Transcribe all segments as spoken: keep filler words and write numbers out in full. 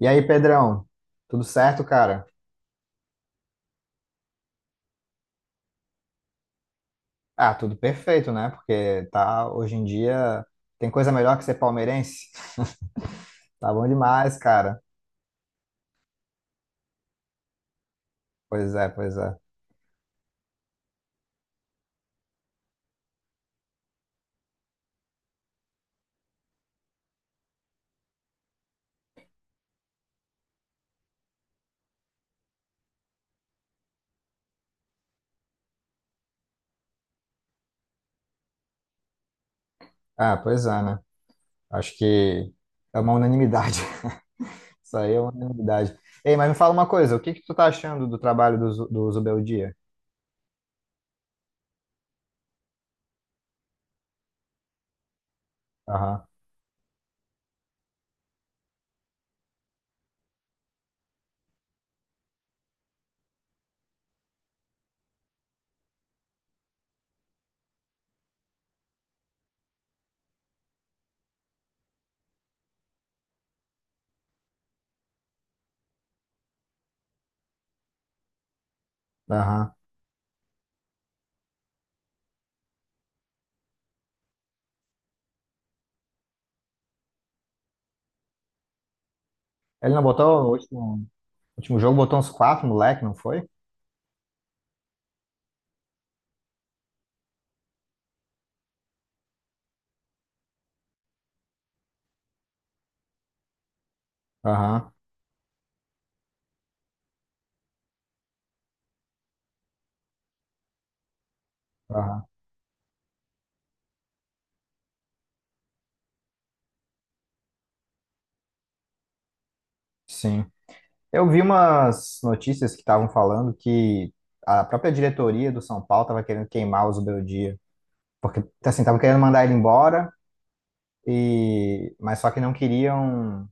E aí, Pedrão, tudo certo, cara? Ah, tudo perfeito, né? Porque tá, hoje em dia tem coisa melhor que ser palmeirense. Tá bom demais, cara. Pois é, pois é. Ah, pois é, né? Acho que é uma unanimidade. Isso aí é uma unanimidade. Ei, mas me fala uma coisa, o que que tu tá achando do trabalho do, Zu- do Zubel Dia? Aham, aham. Ele não botou o último, último jogo, botou uns quatro, moleque, não foi? Aham, aham. Sim. Eu vi umas notícias que estavam falando que a própria diretoria do São Paulo estava querendo queimar o Zubeldia, porque assim, estavam querendo mandar ele embora e mas só que não queriam,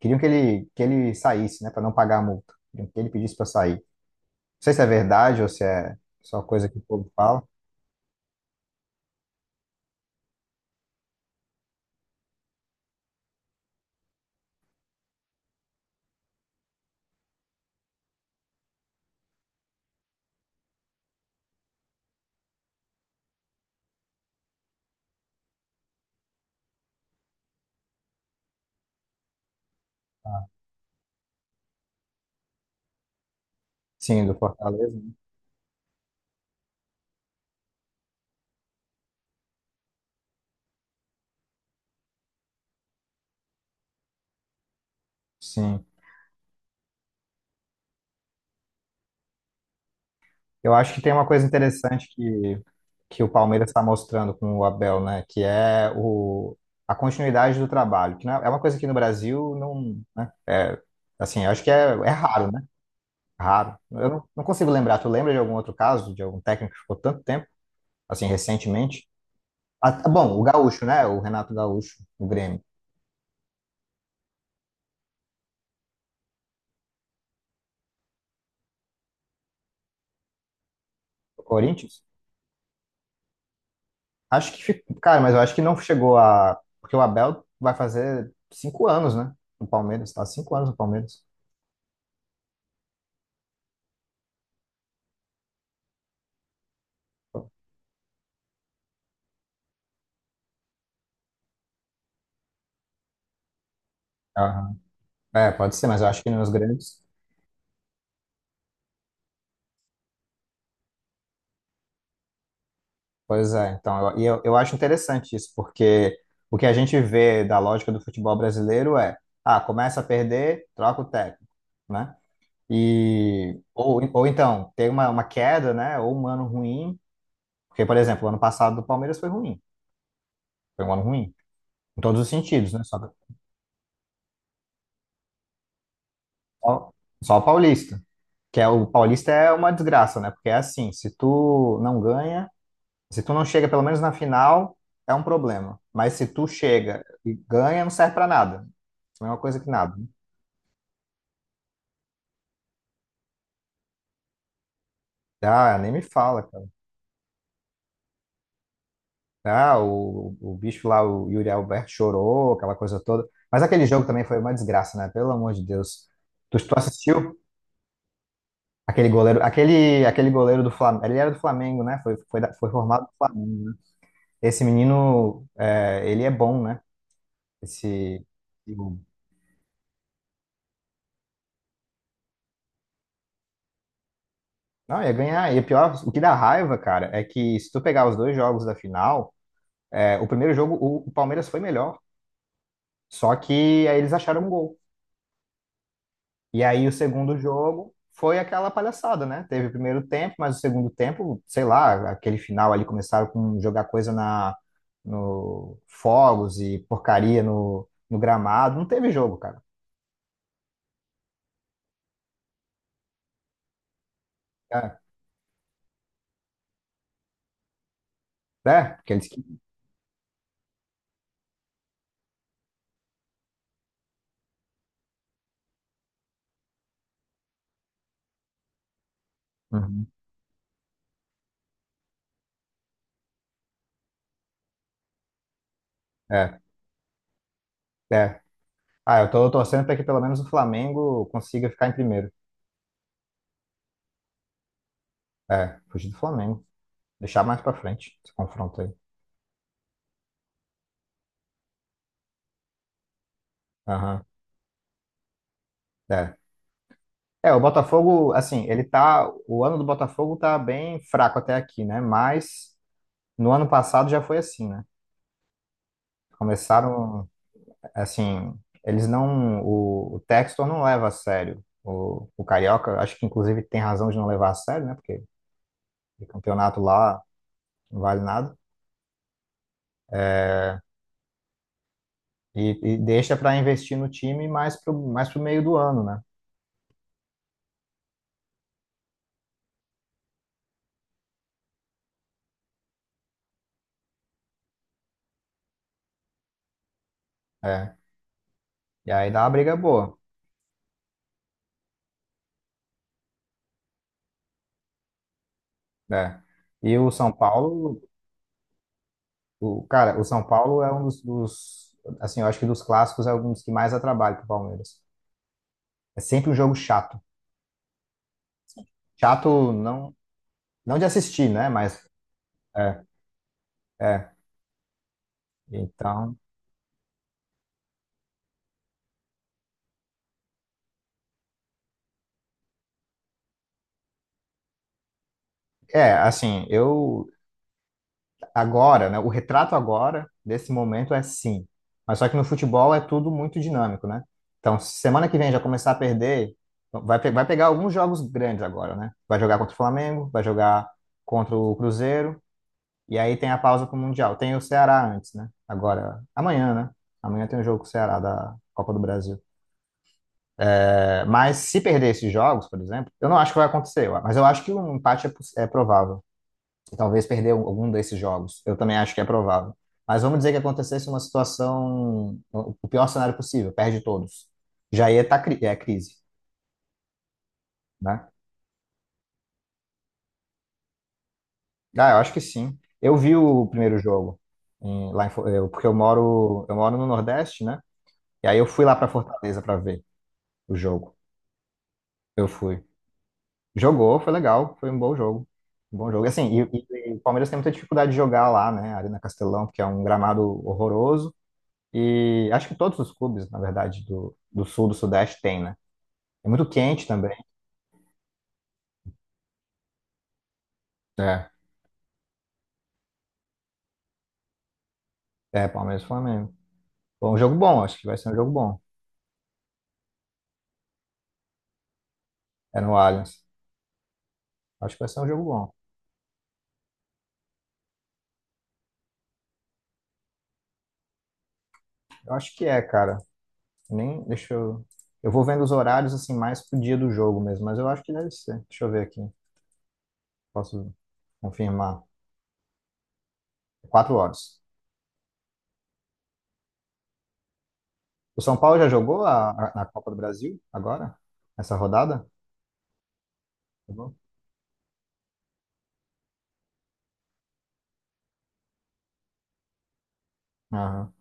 queriam que ele que ele saísse, né, para não pagar a multa. Queriam que ele pedisse para sair. Não sei se é verdade ou se é só coisa que o povo fala. Ah, sim, do Fortaleza, né? Sim. Eu acho que tem uma coisa interessante que, que o Palmeiras está mostrando com o Abel, né? Que é o, a continuidade do trabalho, que não é, é uma coisa que no Brasil não, né? É, assim, eu acho que é, é raro, né? Raro. Eu não, não consigo lembrar. Tu lembra de algum outro caso, de algum técnico que ficou tanto tempo, assim, recentemente? Ah, tá bom, o Gaúcho, né? O Renato Gaúcho, o Grêmio, o Corinthians. Acho que, fica- cara, mas eu acho que não chegou a, porque o Abel vai fazer cinco anos, né? No Palmeiras, tá? Cinco anos no Palmeiras. É, pode ser, mas eu acho que nos grandes. Pois é, então, eu, e eu, eu acho interessante isso, porque o que a gente vê da lógica do futebol brasileiro é, ah, começa a perder, troca o técnico, né? E, ou, ou então, tem uma, uma queda, né? Ou um ano ruim, porque, por exemplo, o ano passado do Palmeiras foi ruim, foi um ano ruim, em todos os sentidos, né? Só, só, só o Paulista, que é, o Paulista é uma desgraça, né? Porque é assim, se tu não ganha. Se tu não chega pelo menos na final, é um problema. Mas se tu chega e ganha, não serve pra nada. Não é uma coisa que nada, né? Ah, nem me fala, cara. Ah, o, o bicho lá, o Yuri Alberto chorou, aquela coisa toda. Mas aquele jogo também foi uma desgraça, né? Pelo amor de Deus. Tu, tu assistiu aquele goleiro, aquele, aquele goleiro do Flamengo. Ele era do Flamengo, né? Foi, foi, da- foi formado do Flamengo, né? Esse menino, é, ele é bom, né? Esse Não, ia ganhar. E pior, o que dá raiva, cara, é que se tu pegar os dois jogos da final, é, o primeiro jogo o, o Palmeiras foi melhor, só que aí eles acharam um gol. E aí o segundo jogo foi aquela palhaçada, né? Teve o primeiro tempo, mas o segundo tempo, sei lá, aquele final ali começaram com jogar coisa na no fogos e porcaria no, no gramado. Não teve jogo, cara. É, é, porque eles que. Uhum. É, é. Ah, eu tô torcendo para que pelo menos o Flamengo consiga ficar em primeiro. É, fugir do Flamengo. Deixar mais pra frente esse confronto aí. Aham. É. É, o Botafogo, assim, ele tá. O ano do Botafogo tá bem fraco até aqui, né? Mas no ano passado já foi assim, né? Começaram, assim, eles não. O, o Textor não leva a sério. O, o Carioca, acho que inclusive tem razão de não levar a sério, né? Porque o campeonato lá não vale nada. E, e deixa pra investir no time mais pro, mais pro meio do ano, né? É. E aí dá uma briga boa. É. E o São Paulo. O, cara, o São Paulo é um dos, dos- assim, eu acho que dos clássicos é um dos que mais dá trabalho pro Palmeiras. É sempre um jogo chato. Chato não, não de assistir, né? Mas é, é. Então, é, assim, eu agora, né? O retrato agora desse momento é sim. Mas só que no futebol é tudo muito dinâmico, né? Então, se semana que vem já começar a perder, vai, pe- vai pegar alguns jogos grandes agora, né? Vai jogar contra o Flamengo, vai jogar contra o Cruzeiro. E aí tem a pausa pro Mundial. Tem o Ceará antes, né? Agora, amanhã, né? Amanhã tem um jogo com o Ceará da Copa do Brasil. É, mas se perder esses jogos, por exemplo, eu não acho que vai acontecer, mas eu acho que um empate é, poss- é provável. Talvez perder um- algum desses jogos. Eu também acho que é provável. Mas vamos dizer que acontecesse uma situação, o o pior cenário possível, perde todos. Já ia estar é crise, né? Ah, eu acho que sim. Eu vi o primeiro jogo em- lá em Fo- eu- porque eu moro, eu moro no Nordeste, né? E aí eu fui lá para Fortaleza para ver o jogo. Eu fui. Jogou, foi legal, foi um bom jogo. Um bom jogo. E, assim, e, e- o Palmeiras tem muita dificuldade de jogar lá, né? A Arena Castelão, porque é um gramado horroroso. E acho que todos os clubes, na verdade, do, do sul, do sudeste tem, né? É muito quente também. É. É, Palmeiras e Flamengo. Bom, um jogo bom, acho que vai ser um jogo bom. É no Allianz. Acho que vai ser um jogo bom. Eu acho que é, cara. Nem, deixa eu. Eu vou vendo os horários assim mais pro dia do jogo mesmo, mas eu acho que deve ser. Deixa eu ver aqui. Posso confirmar. Quatro horas. O São Paulo já jogou a, a- na Copa do Brasil agora? Essa rodada? Jogou? Aham.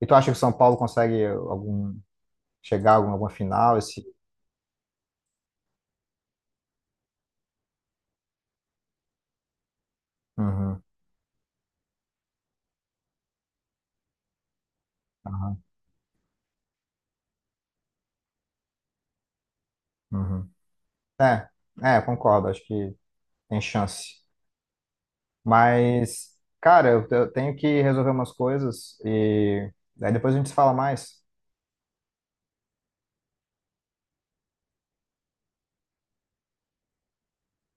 E tu acha que o São Paulo consegue algum chegar a algum- alguma final esse? Uhum, aham, uhum. É, é, concordo, acho que tem chance. Mas, cara, eu, eu tenho que resolver umas coisas e aí depois a gente se fala mais.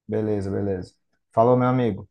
Beleza, beleza. Falou, meu amigo.